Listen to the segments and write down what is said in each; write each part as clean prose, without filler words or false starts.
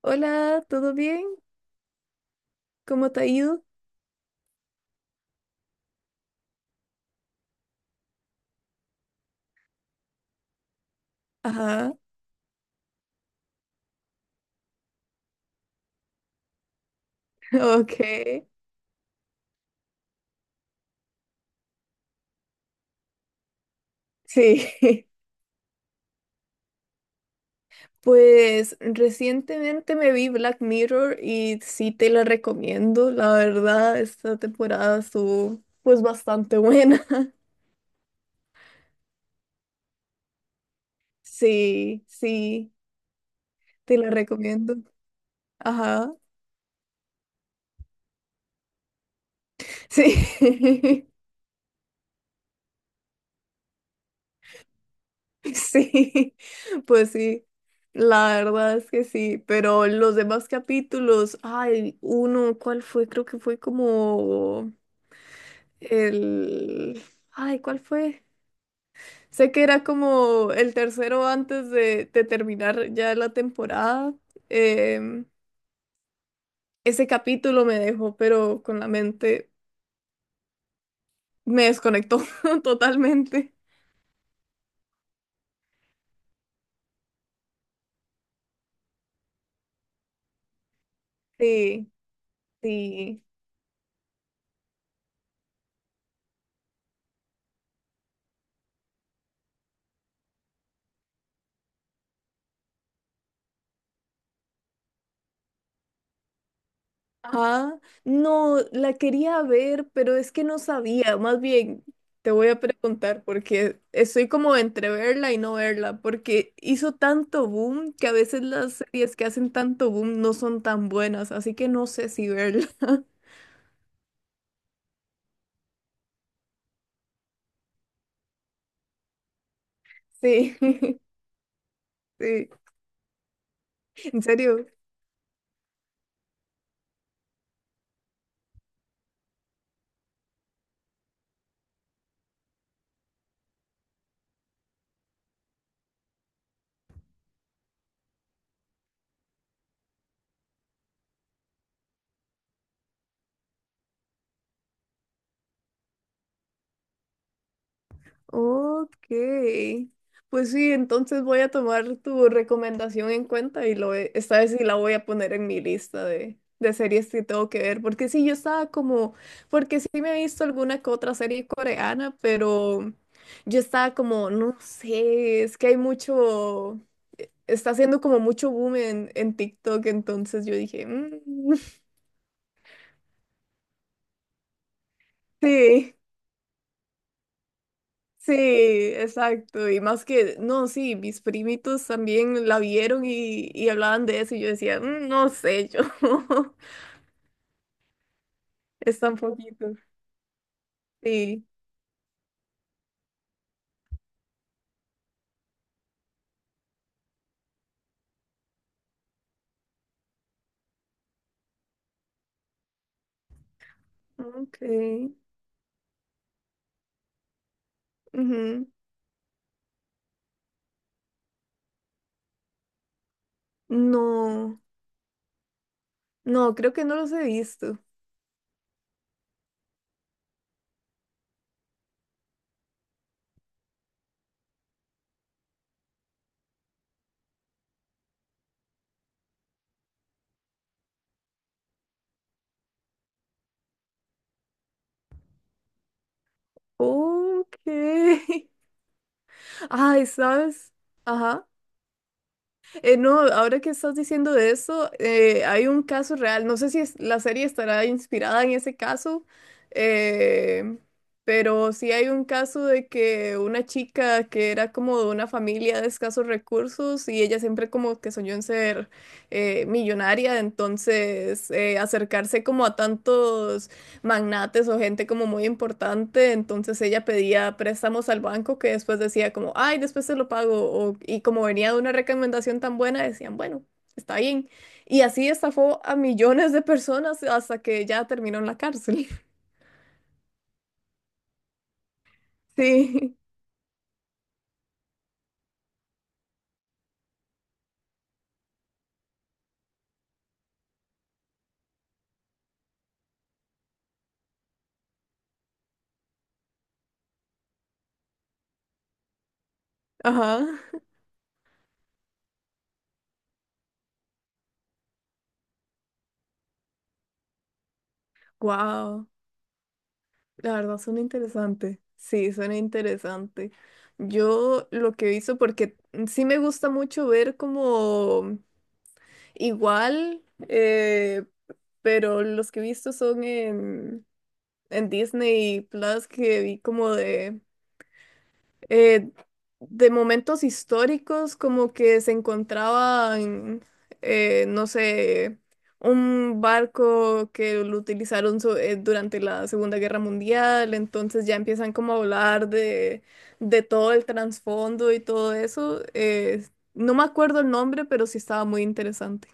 Hola, ¿todo bien? ¿Cómo te ha ido? Ajá, ok. Sí. Pues recientemente me vi Black Mirror y sí te la recomiendo. La verdad, esta temporada estuvo pues bastante buena. Sí, sí, te la recomiendo. Ajá. Sí. Sí, pues sí. La verdad es que sí, pero los demás capítulos, ay, uno, ¿cuál fue? Creo que fue como el... Ay, ¿cuál fue? Sé que era como el tercero antes de terminar ya la temporada. Em, ese capítulo me dejó, pero con la mente me desconectó totalmente. Sí, sí. Ajá. No, la quería ver, pero es que no sabía. Más bien, te voy a preguntar porque estoy como entre verla y no verla, porque hizo tanto boom que a veces las series que hacen tanto boom no son tan buenas, así que no sé si verla. Sí, sí, en serio. Ok. Pues sí, entonces voy a tomar tu recomendación en cuenta y lo, ve- esta vez sí la voy a poner en mi lista de series que tengo que ver. Porque sí, yo estaba como, porque sí me he visto alguna que otra serie coreana, pero yo estaba como, no sé, es que hay mucho, está haciendo como mucho boom en TikTok, entonces yo dije, "Mm, sí. Sí, exacto. Y más que, no, sí, mis primitos también la vieron y hablaban de eso y yo decía, "Mm, no sé, yo es tan poquito. Sí. Ok. Ujú. No, no, creo que no los he visto. Ok. Ay, ¿sabes? Ajá. No, ahora que estás diciendo de eso, hay un caso real. No sé si es- la serie estará inspirada en ese caso, eh, pero sí hay un caso de que una chica que era como de una familia de escasos recursos y ella siempre como que soñó en ser millonaria, entonces acercarse como a tantos magnates o gente como muy importante, entonces ella pedía préstamos al banco que después decía como, ay, después se lo pago, o- y como venía de una recomendación tan buena, decían, bueno, está bien. Y así estafó a millones de personas hasta que ya terminó en la cárcel. Sí, ajá. Wow, la verdad suena interesante. Sí, suena interesante. Yo lo que hice, porque sí me gusta mucho ver como igual, eh, pero los que he visto son en Disney Plus que vi como eh, de momentos históricos, como que se encontraban, no sé, un barco que lo utilizaron so- durante la Segunda Guerra Mundial, entonces ya empiezan como a hablar de todo el trasfondo y todo eso. No me acuerdo el nombre, pero sí estaba muy interesante.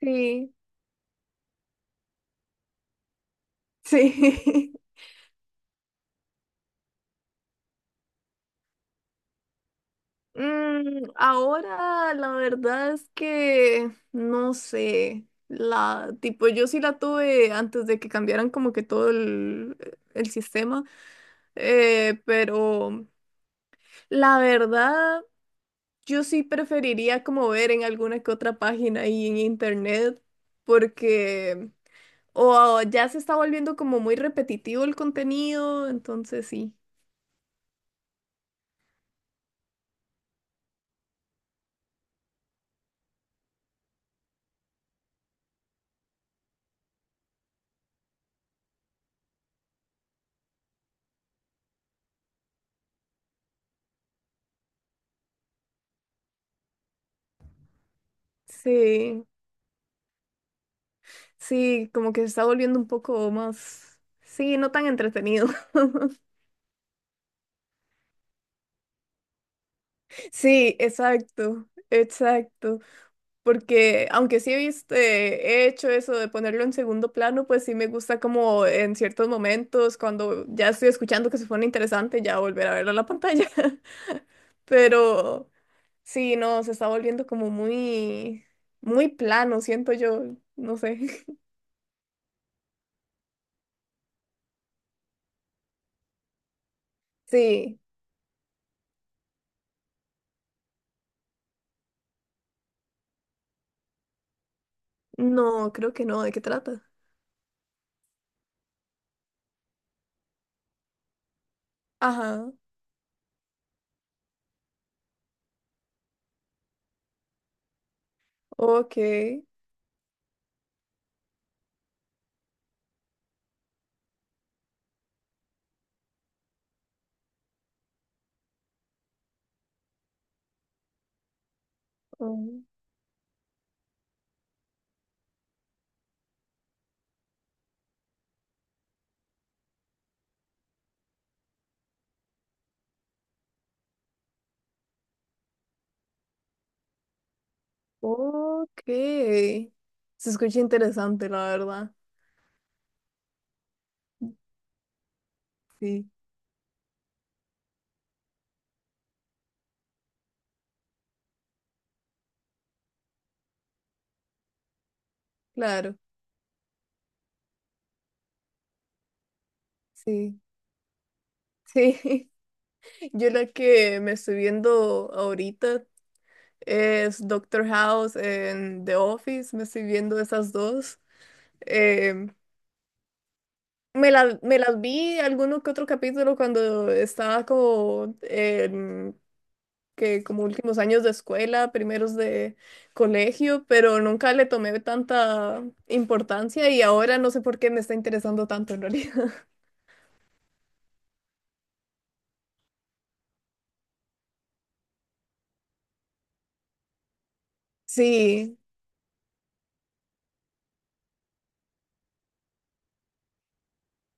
Sí, sí. Mm, ahora la verdad es que no sé, la tipo yo sí la tuve antes de que cambiaran como que todo el sistema, pero la verdad yo sí preferiría como ver en alguna que otra página y en internet porque o ya se está volviendo como muy repetitivo el contenido, entonces sí. Sí. Sí, como que se está volviendo un poco más, sí, no tan entretenido. Sí, exacto, exacto. Porque aunque sí he visto, he hecho eso de ponerlo en segundo plano, pues sí me gusta como en ciertos momentos, cuando ya estoy escuchando que se pone interesante, ya volver a verlo en la pantalla. Pero sí, no, se está volviendo como muy, muy plano, siento yo, no sé. Sí, no, creo que no, ¿de qué trata? Ajá, ok. Mm. Ok. Se escucha interesante, la verdad. Sí, claro. Sí, sí. Yo la que me estoy viendo ahorita es Doctor House en The Office. Me estoy viendo esas dos. Em, me la- me las vi alguno que otro capítulo cuando estaba como que como últimos años de escuela, primeros de colegio, pero nunca le tomé tanta importancia y ahora no sé por qué me está interesando tanto en realidad. Sí,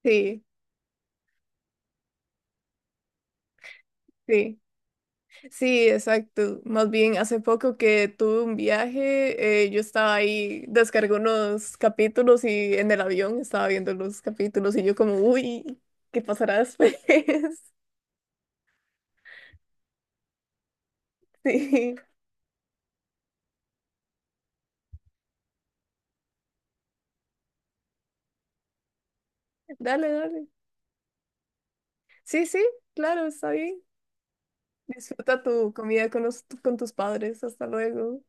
sí, sí, sí, exacto. Más bien, hace poco que tuve un viaje, yo estaba ahí, descargué unos capítulos y en el avión estaba viendo los capítulos y yo como, uy, ¿qué pasará después? Sí, dale, dale. Sí, sí, claro, está bien. Disfruta tu comida con, los- con tus padres. Hasta luego.